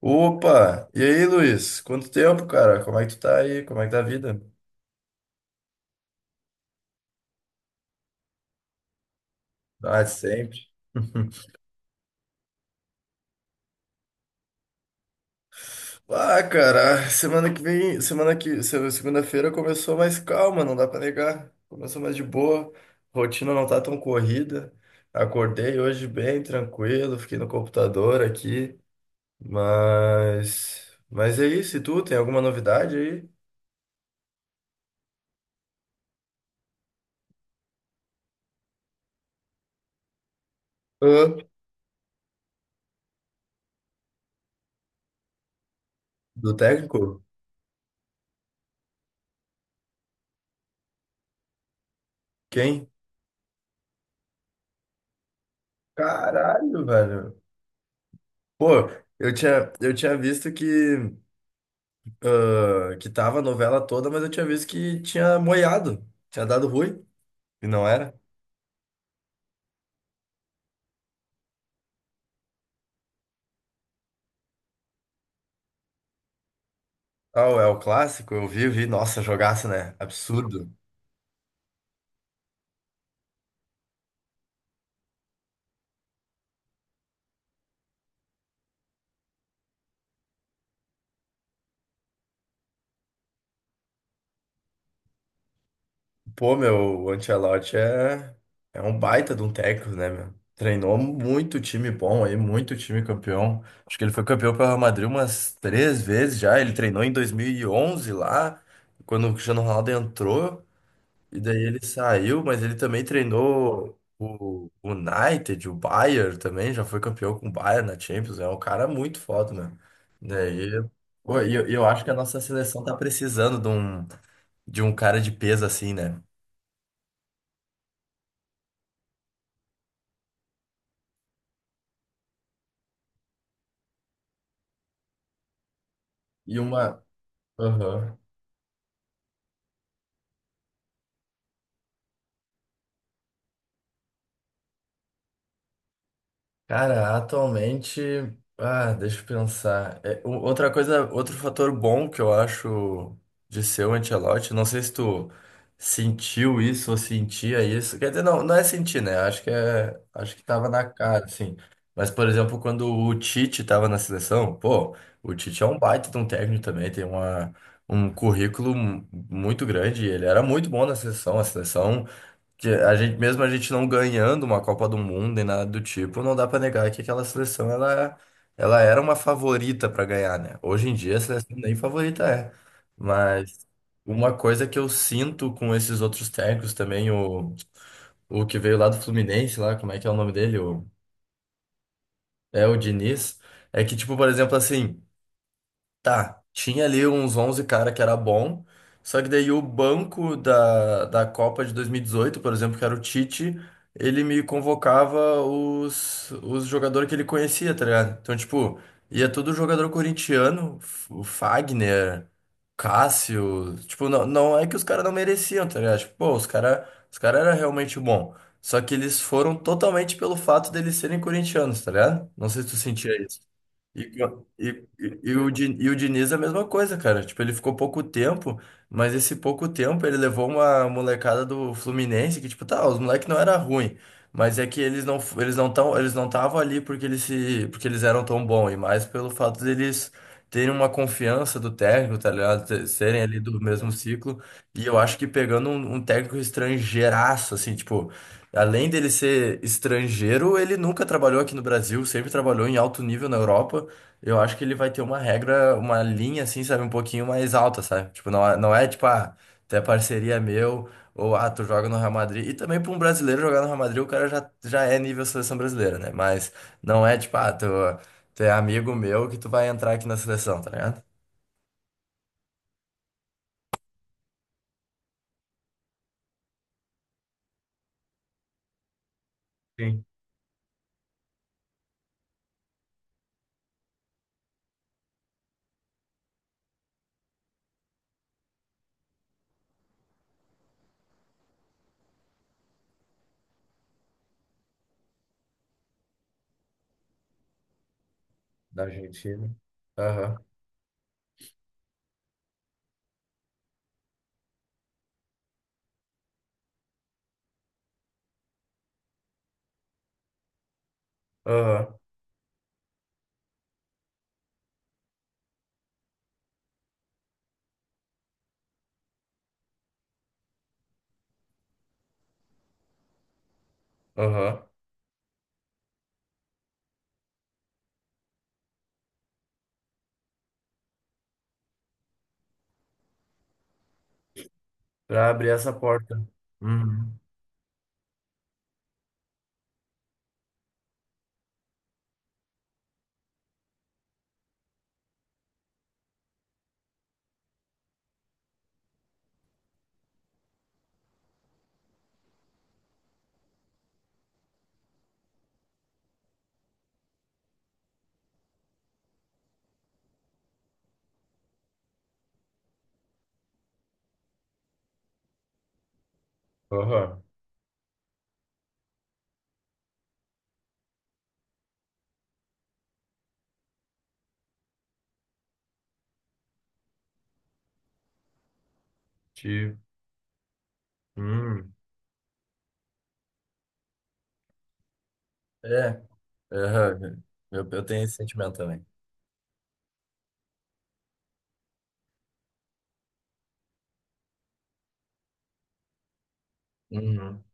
Opa! E aí, Luiz? Quanto tempo, cara? Como é que tu tá aí? Como é que tá a vida? Ah, de sempre. Ah, cara, semana que vem, semana que, se- segunda-feira começou mais calma, não dá pra negar. Começou mais de boa, rotina não tá tão corrida. Acordei hoje bem tranquilo, fiquei no computador aqui, mas é isso. E tu tem alguma novidade aí? Hã? Do técnico? Quem? Caralho, velho. Pô, eu tinha visto que, que tava a novela toda, mas eu tinha visto que tinha moiado, tinha dado ruim, e não era. Ah, é o clássico, eu vi, vi, nossa, jogaço, né? Absurdo. Pô, meu, o Ancelotti é um baita de um técnico, né, meu? Treinou muito time bom aí, muito time campeão. Acho que ele foi campeão pelo Real Madrid umas três vezes já. Ele treinou em 2011 lá, quando o Cristiano Ronaldo entrou. E daí ele saiu, mas ele também treinou o United, o Bayern também, já foi campeão com o Bayern na Champions. É um cara muito foda, né? Daí, pô, e eu acho que a nossa seleção tá precisando de um cara de peso assim, né? E uma. Aham. Cara, atualmente, deixa eu pensar. É, outra coisa, outro fator bom que eu acho de ser o Ancelotti, não sei se tu sentiu isso ou sentia isso. Quer dizer, não, não é sentir, né? Acho que tava na cara, assim. Mas, por exemplo, quando o Tite tava na seleção, pô, o Tite é um baita de um técnico também, tem um currículo muito grande. Ele era muito bom na seleção. Que a gente, mesmo a gente não ganhando uma Copa do Mundo nem nada do tipo, não dá pra negar que aquela seleção ela, ela era uma favorita pra ganhar, né? Hoje em dia a seleção nem favorita é. Mas uma coisa que eu sinto com esses outros técnicos também, o que veio lá do Fluminense, lá, como é que é o nome dele? É o Diniz. É que, tipo, por exemplo, assim. Tá, tinha ali uns 11 cara que era bom, só que daí o banco da Copa de 2018, por exemplo, que era o Tite, ele me convocava os jogadores que ele conhecia, tá ligado? Então, tipo, ia todo jogador corintiano, o Fagner, Cássio, tipo, não, não é que os caras não mereciam, tá ligado? Tipo, pô, os cara eram realmente bom, só que eles foram totalmente pelo fato deles serem corintianos, tá ligado? Não sei se tu sentia. E, e- e- e o, Di- e o Diniz é a mesma coisa, cara. Tipo, ele ficou pouco tempo, mas esse pouco tempo ele levou uma molecada do Fluminense que, tipo, tá, os moleques não era ruim, mas é que eles não estavam ali porque eles se, porque eles eram tão bons, e mais pelo fato deles terem uma confiança do técnico, tá ligado? Serem ali do mesmo ciclo. E eu acho que pegando um técnico estrangeiraço, assim, tipo, além dele ser estrangeiro, ele nunca trabalhou aqui no Brasil, sempre trabalhou em alto nível na Europa. Eu acho que ele vai ter uma regra, uma linha assim, sabe, um pouquinho mais alta, sabe? Tipo, não, não é tipo, ah, tu é parceria meu, ou ah, tu joga no Real Madrid. E também pra um brasileiro jogar no Real Madrid, o cara já é nível seleção brasileira, né? Mas não é tipo, ah, tu é amigo meu que tu vai entrar aqui na seleção, tá ligado? Sim, da Argentina. Aham, aham, aham. Pra abrir essa porta. Uhum. Aham. Te... Hum. É, aham. Eu tenho esse sentimento também. Uhum.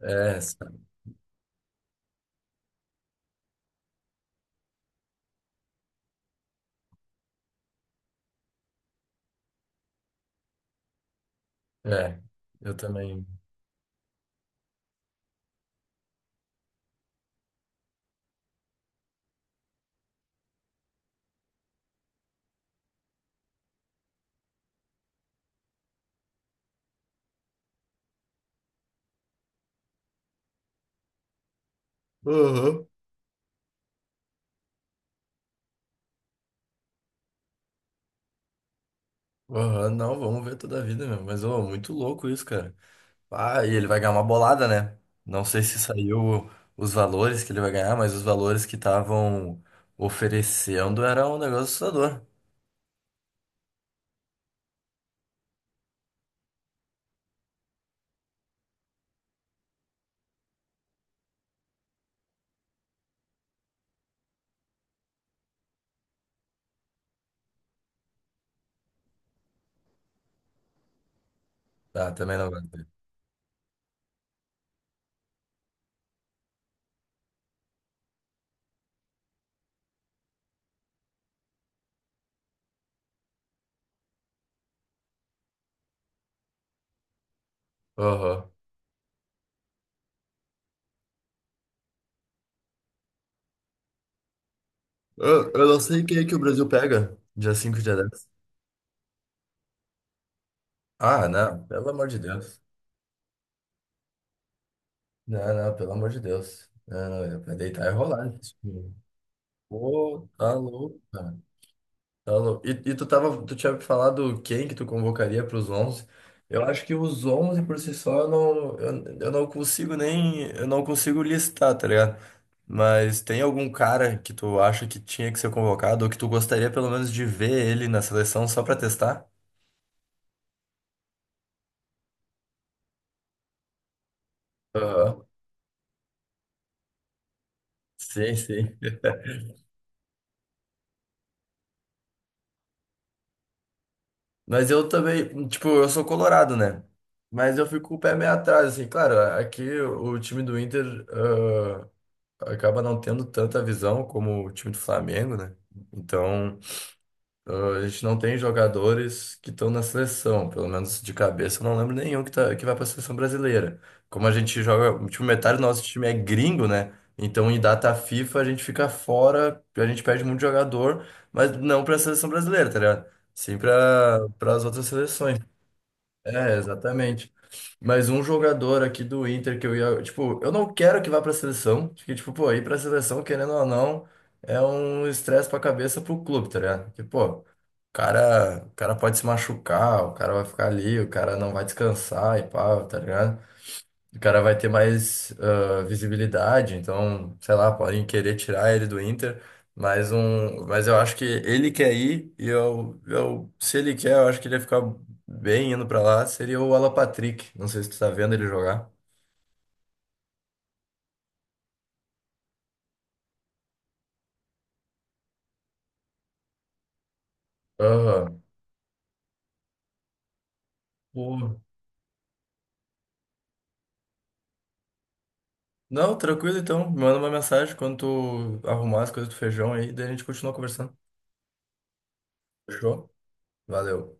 É, sabe? É, eu também. Aham. Aham, não, vamos ver toda a vida mesmo. Mas, ô, muito louco isso, cara. Ah, e ele vai ganhar uma bolada, né? Não sei se saiu os valores que ele vai ganhar, mas os valores que estavam oferecendo era um negócio assustador. Ah, também não vai ter. Aham. Eu não sei quem é que o Brasil pega dia 5 e dia 10. Ah, não, pelo amor de Deus. Não, não, pelo amor de Deus. Não, não, é pra deitar e rolar, gente. Pô, tá louco. Tá louco. E tu tinha falado quem que tu convocaria para os 11. Eu acho que os 11 por si só eu não consigo nem, eu não consigo listar, tá ligado? Mas tem algum cara que tu acha que tinha que ser convocado ou que tu gostaria pelo menos de ver ele na seleção só pra testar? Aham. Sim, sim. Mas eu também, tipo, eu sou colorado, né? Mas eu fico com o pé meio atrás, assim, claro, aqui o time do Inter acaba não tendo tanta visão como o time do Flamengo, né? Então, a gente não tem jogadores que estão na seleção, pelo menos de cabeça, eu não lembro nenhum que, tá, que vai para a seleção brasileira. Como a gente joga, tipo, metade do nosso time é gringo, né? Então, em data FIFA, a gente fica fora, a gente perde muito jogador, mas não para a seleção brasileira, tá ligado? Sim, para as outras seleções. É, exatamente. Mas um jogador aqui do Inter que eu ia. Tipo, eu não quero que vá pra seleção. Porque, tipo, pô, ir pra seleção, querendo ou não, é um estresse pra cabeça pro clube, tá ligado? Porque, pô, o cara pode se machucar, o cara vai ficar ali, o cara não vai descansar e pá, tá ligado? O cara vai ter mais visibilidade, então, sei lá, podem querer tirar ele do Inter, mas eu acho que ele quer ir e se ele quer, eu acho que ele ia ficar bem indo pra lá, seria o Alapatrick. Não sei se tu tá vendo ele jogar. Aham. Pô. Não, tranquilo então. Me manda uma mensagem quando tu arrumar as coisas do feijão aí, daí a gente continua conversando. Fechou? Valeu.